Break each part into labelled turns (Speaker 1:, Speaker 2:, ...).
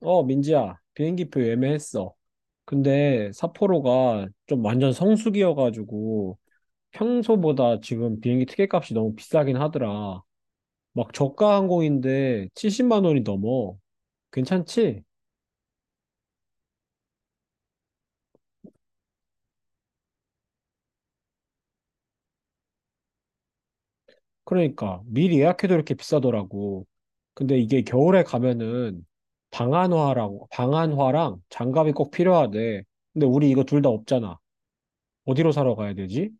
Speaker 1: 어, 민지야, 비행기표 예매했어. 근데 삿포로가 좀 완전 성수기여가지고 평소보다 지금 비행기 티켓값이 너무 비싸긴 하더라. 막 저가 항공인데 70만 원이 넘어. 괜찮지? 그러니까 미리 예약해도 이렇게 비싸더라고. 근데 이게 겨울에 가면은 방한화고 방한화랑 장갑이 꼭 필요하대. 근데 우리 이거 둘 다 없잖아. 어디로 사러 가야 되지?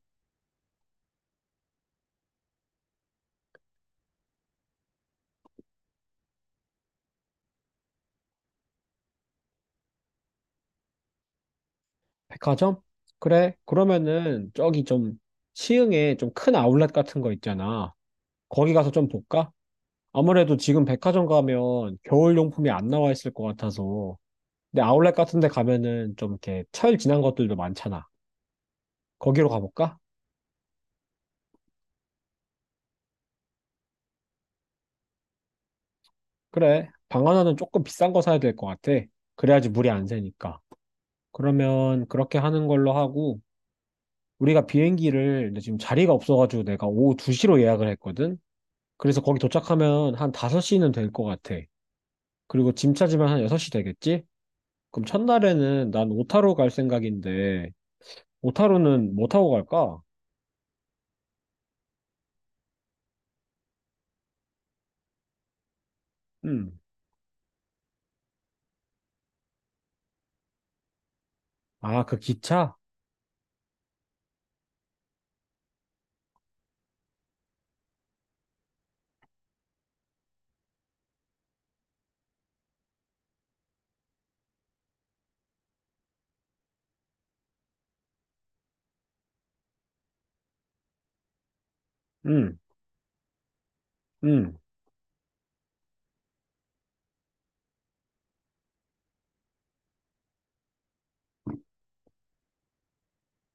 Speaker 1: 백화점? 그래. 그러면은 저기 좀 시흥에 좀 큰 아울렛 같은 거 있잖아. 거기 가서 좀 볼까? 아무래도 지금 백화점 가면 겨울 용품이 안 나와 있을 것 같아서. 근데 아울렛 같은 데 가면은 좀 이렇게 철 지난 것들도 많잖아. 거기로 가볼까? 그래. 방 하나는 조금 비싼 거 사야 될 것 같아. 그래야지 물이 안 새니까. 그러면 그렇게 하는 걸로 하고 우리가 비행기를 근데 지금 자리가 없어가지고 내가 오후 2시로 예약을 했거든. 그래서 거기 도착하면 한 5시는 될 것 같아. 그리고 짐 차지만 한 6시 되겠지? 그럼 첫날에는 난 오타로 갈 생각인데, 오타로는 뭐 타고 갈까? 음. 아, 그 기차? 음, 음.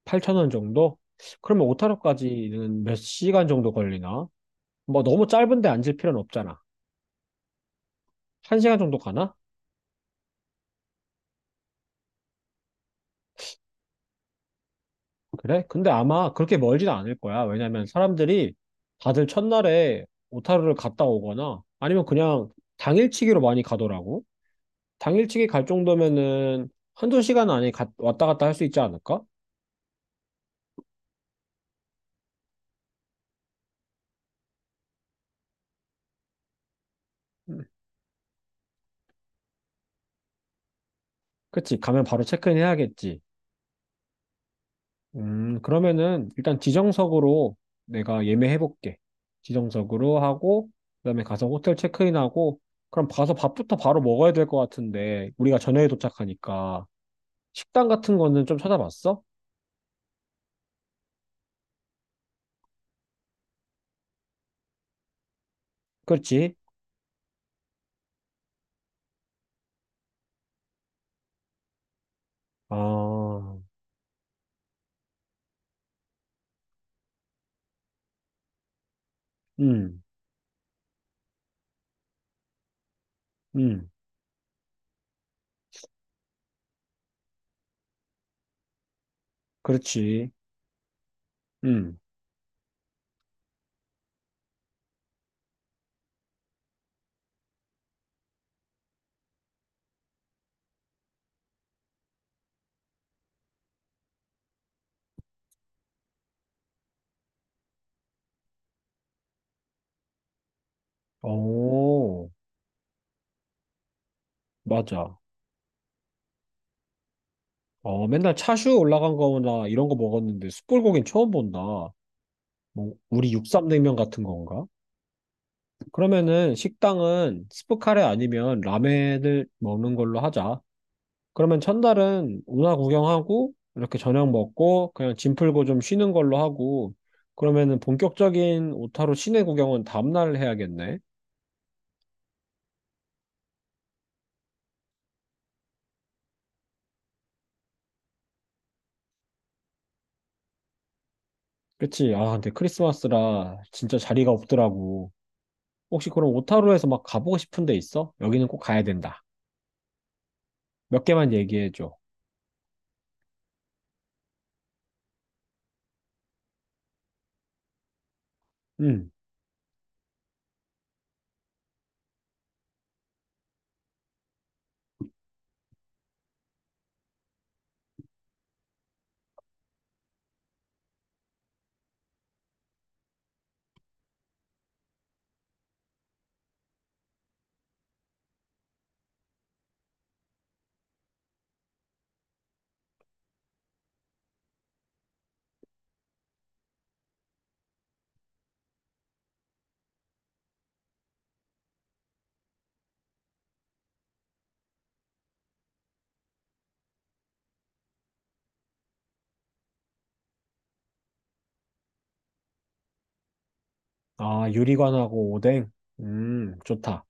Speaker 1: 8천원 정도? 그러면 오타로까지는 몇 시간 정도 걸리나? 뭐 너무 짧은데 앉을 필요는 없잖아. 한시간 정도 가나? 그래? 근데 아마 그렇게 멀진 않을 거야. 왜냐면 사람들이 다들 첫날에 오타로를 갔다 오거나 아니면 그냥 당일치기로 많이 가더라고. 당일치기 갈 정도면은 한두 시간 안에 왔다 갔다 할 수 있지 않을까? 음, 그치, 가면 바로 체크인 해야겠지. 그러면은 일단 지정석으로 내가 예매해볼게. 지정석으로 하고, 그다음에 가서 호텔 체크인하고, 그럼 가서 밥부터 바로 먹어야 될 것 같은데, 우리가 저녁에 도착하니까. 식당 같은 거는 좀 찾아봤어? 그렇지. 아, 음, 음, 그렇지. 음, 오, 맞아. 어, 맨날 차슈 올라간 거나 이런 거 먹었는데 숯불고기는 처음 본다. 뭐, 우리 육삼냉면 같은 건가? 그러면은 식당은 스프카레 아니면 라멘을 먹는 걸로 하자. 그러면 첫날은 운하 구경하고 이렇게 저녁 먹고 그냥 짐 풀고 좀 쉬는 걸로 하고 그러면은 본격적인 오타루 시내 구경은 다음날 해야겠네. 그치? 아, 근데 크리스마스라 진짜 자리가 없더라고. 혹시 그럼 오타루에서 막 가보고 싶은 데 있어? 여기는 꼭 가야 된다. 몇 개만 얘기해줘. 음. 아, 유리관하고 오뎅. 좋다.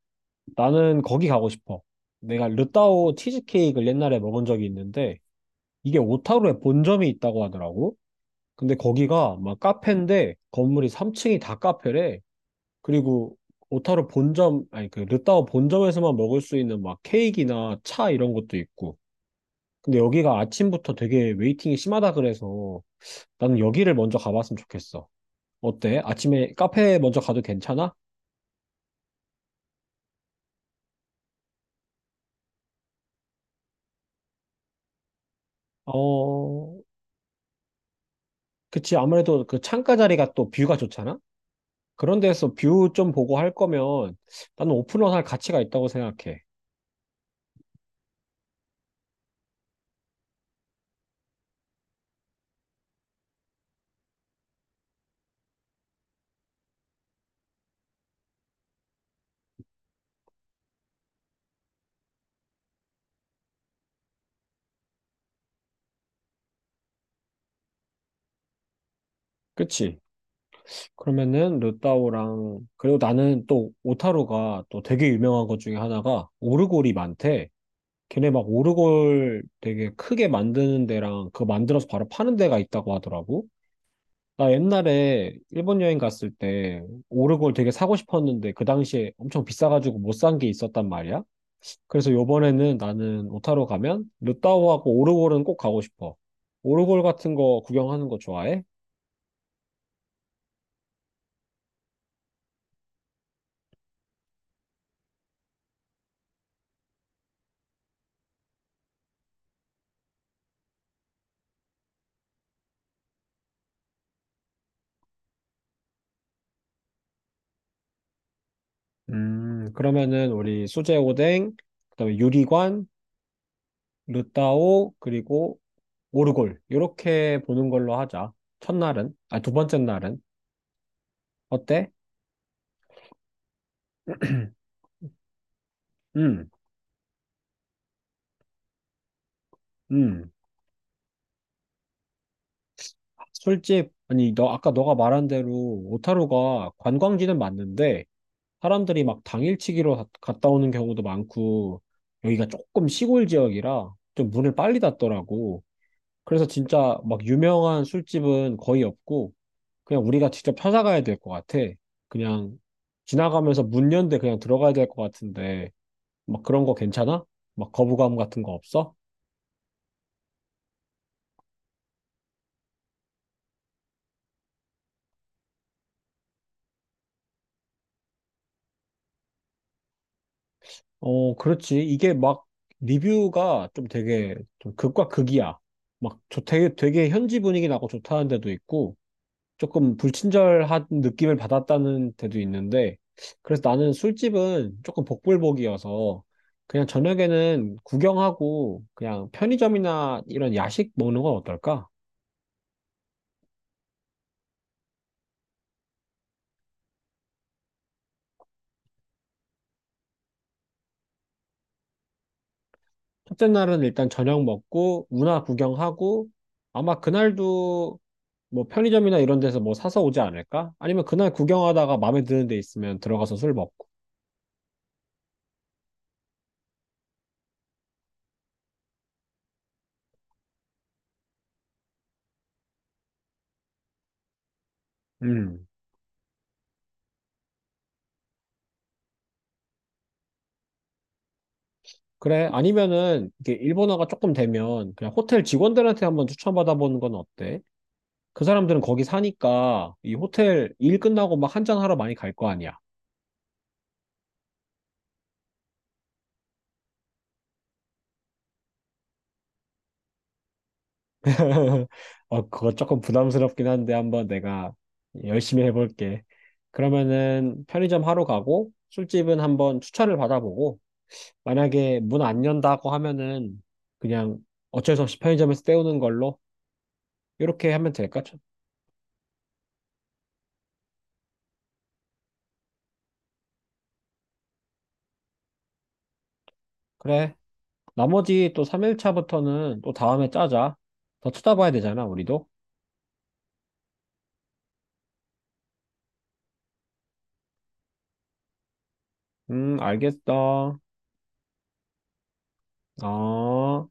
Speaker 1: 나는 거기 가고 싶어. 내가 르따오 치즈케이크를 옛날에 먹은 적이 있는데, 이게 오타루에 본점이 있다고 하더라고. 근데 거기가 막 카페인데, 건물이 3층이 다 카페래. 그리고 오타루 본점, 아니, 그 르따오 본점에서만 먹을 수 있는 막 케이크나 차 이런 것도 있고. 근데 여기가 아침부터 되게 웨이팅이 심하다 그래서 나는 여기를 먼저 가봤으면 좋겠어. 어때? 아침에 카페 먼저 가도 괜찮아? 어, 그치, 아무래도 그 창가 자리가 또 뷰가 좋잖아? 그런 데서 뷰 좀 보고 할 거면 나는 오픈런 할 가치가 있다고 생각해. 그치? 그러면은 르따오랑, 그리고 나는 또 오타루가 또 되게 유명한 것 중에 하나가 오르골이 많대. 걔네 막 오르골 되게 크게 만드는 데랑 그거 만들어서 바로 파는 데가 있다고 하더라고. 나 옛날에 일본 여행 갔을 때 오르골 되게 사고 싶었는데 그 당시에 엄청 비싸가지고 못 산 게 있었단 말이야. 그래서 요번에는 나는 오타로 가면 루타오하고 오르골은 꼭 가고 싶어. 오르골 같은 거 구경하는 거 좋아해? 그러면은 우리 수제 오뎅, 그다음에 유리관, 루타오, 그리고 오르골. 이렇게 보는 걸로 하자. 첫날은. 아, 두 번째 날은. 어때? 음, 음. 술집. 아니, 너 아까 너가 말한 대로 오타루가 관광지는 맞는데 사람들이 막 당일치기로 갔다 오는 경우도 많고, 여기가 조금 시골 지역이라 좀 문을 빨리 닫더라고. 그래서 진짜 막 유명한 술집은 거의 없고, 그냥 우리가 직접 찾아가야 될 것 같아. 그냥 지나가면서 문 연대 그냥 들어가야 될 것 같은데, 막 그런 거 괜찮아? 막 거부감 같은 거 없어? 어, 그렇지. 이게 막 리뷰가 좀 되게 좀 극과 극이야. 막 되게 현지 분위기 나고 좋다는 데도 있고, 조금 불친절한 느낌을 받았다는 데도 있는데, 그래서 나는 술집은 조금 복불복이어서, 그냥 저녁에는 구경하고, 그냥 편의점이나 이런 야식 먹는 건 어떨까? 첫째 날은 일단 저녁 먹고, 운하 구경하고, 아마 그날도 뭐 편의점이나 이런 데서 뭐 사서 오지 않을까? 아니면 그날 구경하다가 마음에 드는 데 있으면 들어가서 술 먹고. 음. 그래, 아니면은, 이게 일본어가 조금 되면, 그냥 호텔 직원들한테 한번 추천받아보는 건 어때? 그 사람들은 거기 사니까 이 호텔 일 끝나고 막 한잔하러 많이 갈 거 아니야. 어, 그거 조금 부담스럽긴 한데 한번 내가 열심히 해볼게. 그러면은 편의점 하러 가고 술집은 한번 추천을 받아보고 만약에 문 안 연다고 하면은 그냥 어쩔 수 없이 편의점에서 때우는 걸로 이렇게 하면 될까? 참, 그래. 나머지 또 3일차부터는 또 다음에 짜자. 더 쳐다봐야 되잖아, 우리도. 알겠어. 어.